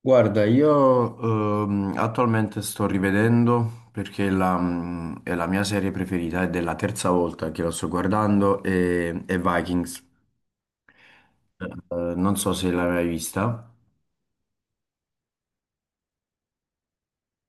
Guarda, io attualmente sto rivedendo perché è la mia serie preferita, ed è la terza volta che la sto guardando, e è Vikings. Non so se l'hai mai vista.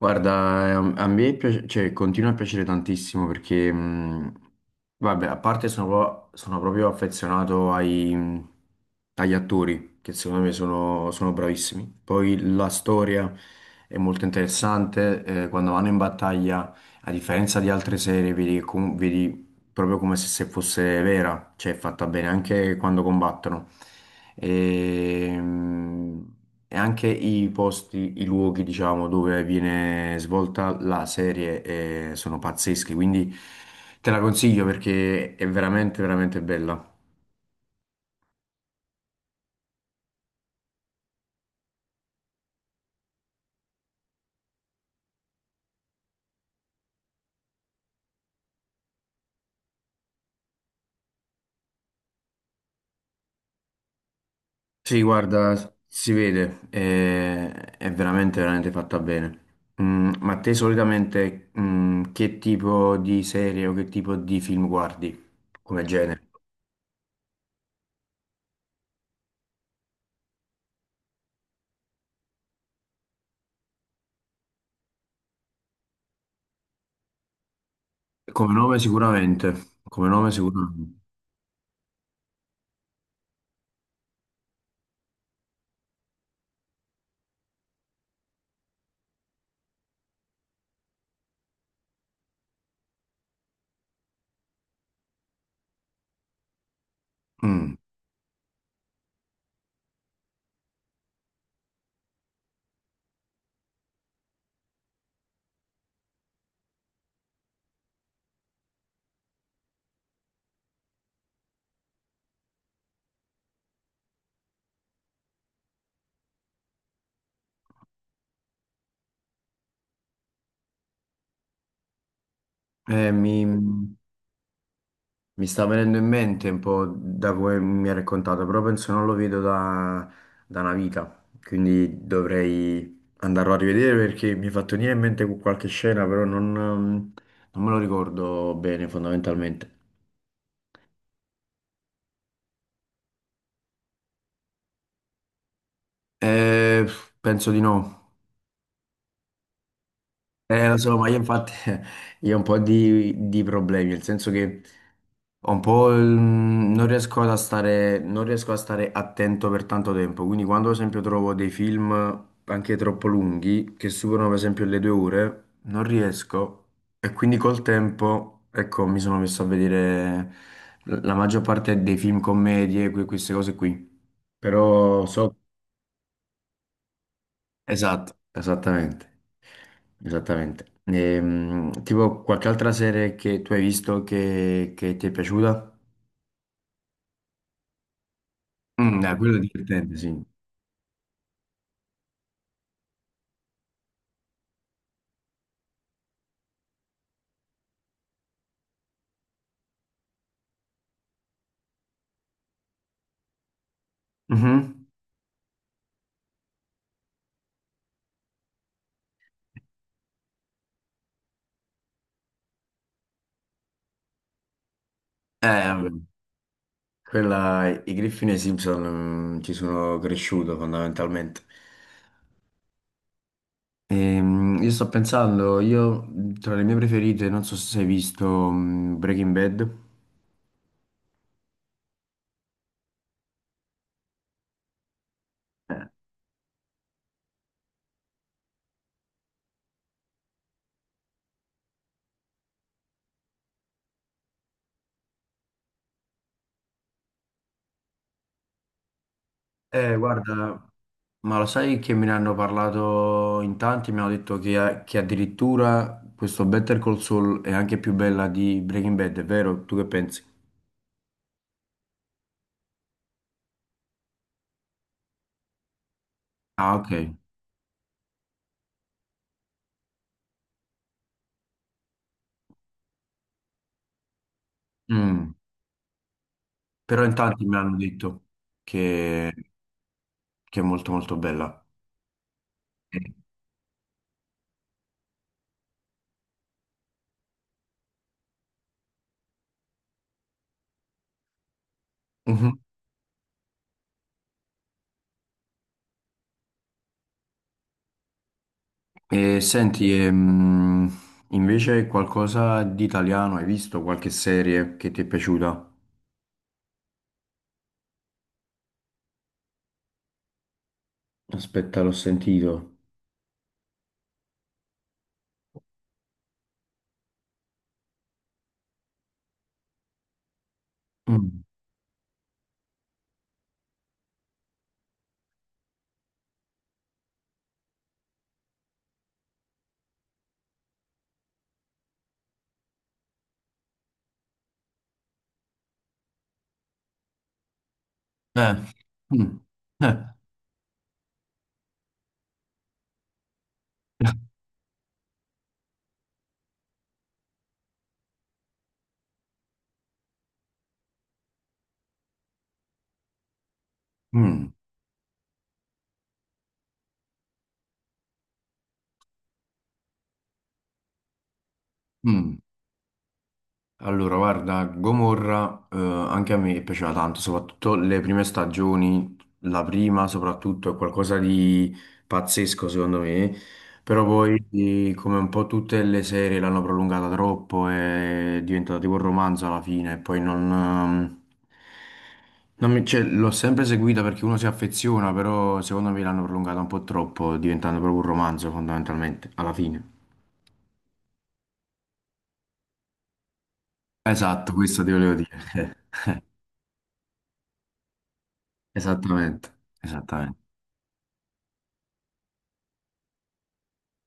Guarda, a me cioè, continua a piacere tantissimo perché, vabbè, a parte sono proprio affezionato agli attori, che secondo me sono bravissimi. Poi la storia è molto interessante, quando vanno in battaglia, a differenza di altre serie, vedi, vedi proprio come se fosse vera, cioè è fatta bene anche quando combattono. E, mm, e anche i posti, i luoghi, diciamo, dove viene svolta la serie sono pazzeschi, quindi te la consiglio perché è veramente, veramente bella. Sì, guarda, si vede, è veramente, veramente fatta bene. Ma te solitamente che tipo di serie o che tipo di film guardi come genere? Come nome sicuramente, come nome sicuramente. Mm. Mi sta venendo in mente un po' da come mi ha raccontato, però penso non lo vedo da una vita, quindi dovrei andarlo a rivedere perché mi è fatto venire in mente qualche scena, però non me lo ricordo bene fondamentalmente. Eh, penso di no. Lo so, ma io infatti io ho un po' di problemi, nel senso che ho un po' non riesco a stare attento per tanto tempo, quindi quando ad esempio trovo dei film anche troppo lunghi, che superano per esempio le 2 ore, non riesco e quindi col tempo, ecco, mi sono messo a vedere la maggior parte dei film commedie, queste cose qui. Però so. Esatto, esattamente. Esattamente. Tipo qualche altra serie che tu hai visto che ti è piaciuta? Quello è divertente, sì. Mhm. Eh, vabbè. Quella, i Griffin e i Simpson, ci sono cresciuto fondamentalmente. Io sto pensando, tra le mie preferite, non so se hai visto Breaking Bad. Eh, eh, guarda. Ma lo sai che me ne hanno parlato in tanti, mi hanno detto che addirittura questo Better Call Saul è anche più bella di Breaking Bad, è vero? Tu che pensi? Ah, ok. Mm. Però in tanti mi hanno detto che, che è molto molto bella. Eh. Mhm. E senti, invece qualcosa di italiano, hai visto qualche serie che ti è piaciuta? Aspetta, l'ho sentito. Mm. Eh. Mm. Eh. Mm. Mm. Allora, guarda, Gomorra, anche a me piaceva tanto, soprattutto le prime stagioni, la prima soprattutto è qualcosa di pazzesco secondo me, però poi come un po' tutte le serie l'hanno prolungata troppo, è diventata tipo un romanzo alla fine, e poi non, cioè, l'ho sempre seguita perché uno si affeziona, però secondo me l'hanno prolungata un po' troppo, diventando proprio un romanzo fondamentalmente, alla fine. Esatto, questo ti volevo dire. Esattamente, esattamente.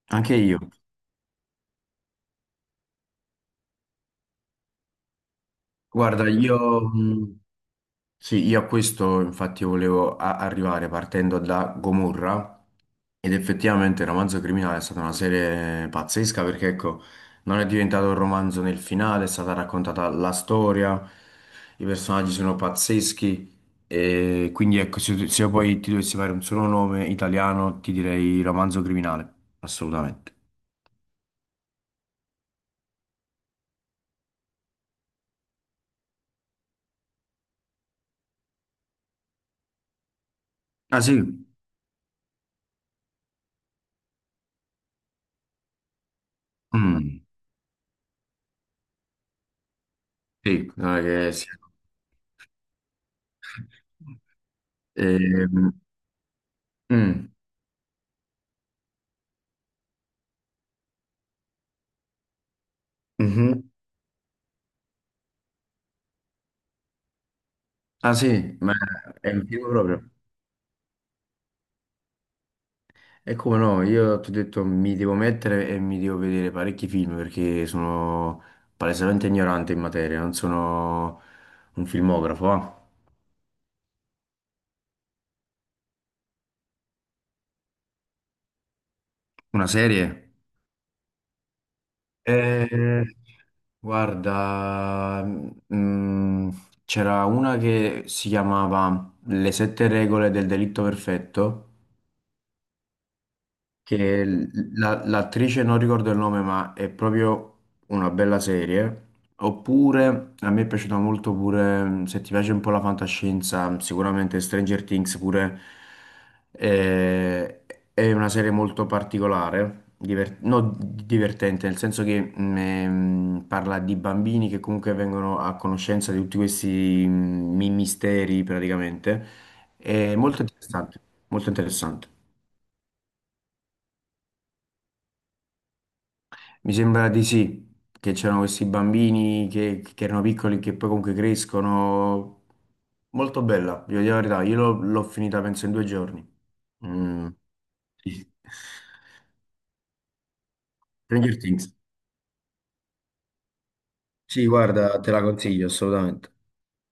Anche io. Guarda, io, mh, sì, io a questo infatti volevo arrivare partendo da Gomorra ed effettivamente il romanzo criminale è stata una serie pazzesca perché ecco, non è diventato un romanzo nel finale, è stata raccontata la storia, i personaggi sono pazzeschi e quindi ecco, se io poi ti dovessi fare un solo nome italiano ti direi romanzo criminale, assolutamente. Ah sì? Mm, sì, non è che sia. Eh, mm, mhm. Ah sì, ma è un film proprio. E come no, io ti ho detto mi devo mettere e mi devo vedere parecchi film perché sono palesemente ignorante in materia, non sono un filmografo. Ah. Una serie? Eh, guarda, mm, c'era una che si chiamava Le sette regole del delitto perfetto. Che l'attrice non ricordo il nome, ma è proprio una bella serie. Oppure a me è piaciuta molto pure, se ti piace un po' la fantascienza, sicuramente Stranger Things pure eh, è una serie molto particolare, no, divertente, nel senso che parla di bambini che comunque vengono a conoscenza di tutti questi misteri praticamente. È molto interessante, molto interessante. Mi sembra di sì, che c'erano questi bambini che erano piccoli, che poi comunque crescono. Molto bella, vi dico la verità, io l'ho finita penso in 2 giorni. Mm. Sì. Stranger Things. Sì, guarda, te la consiglio assolutamente.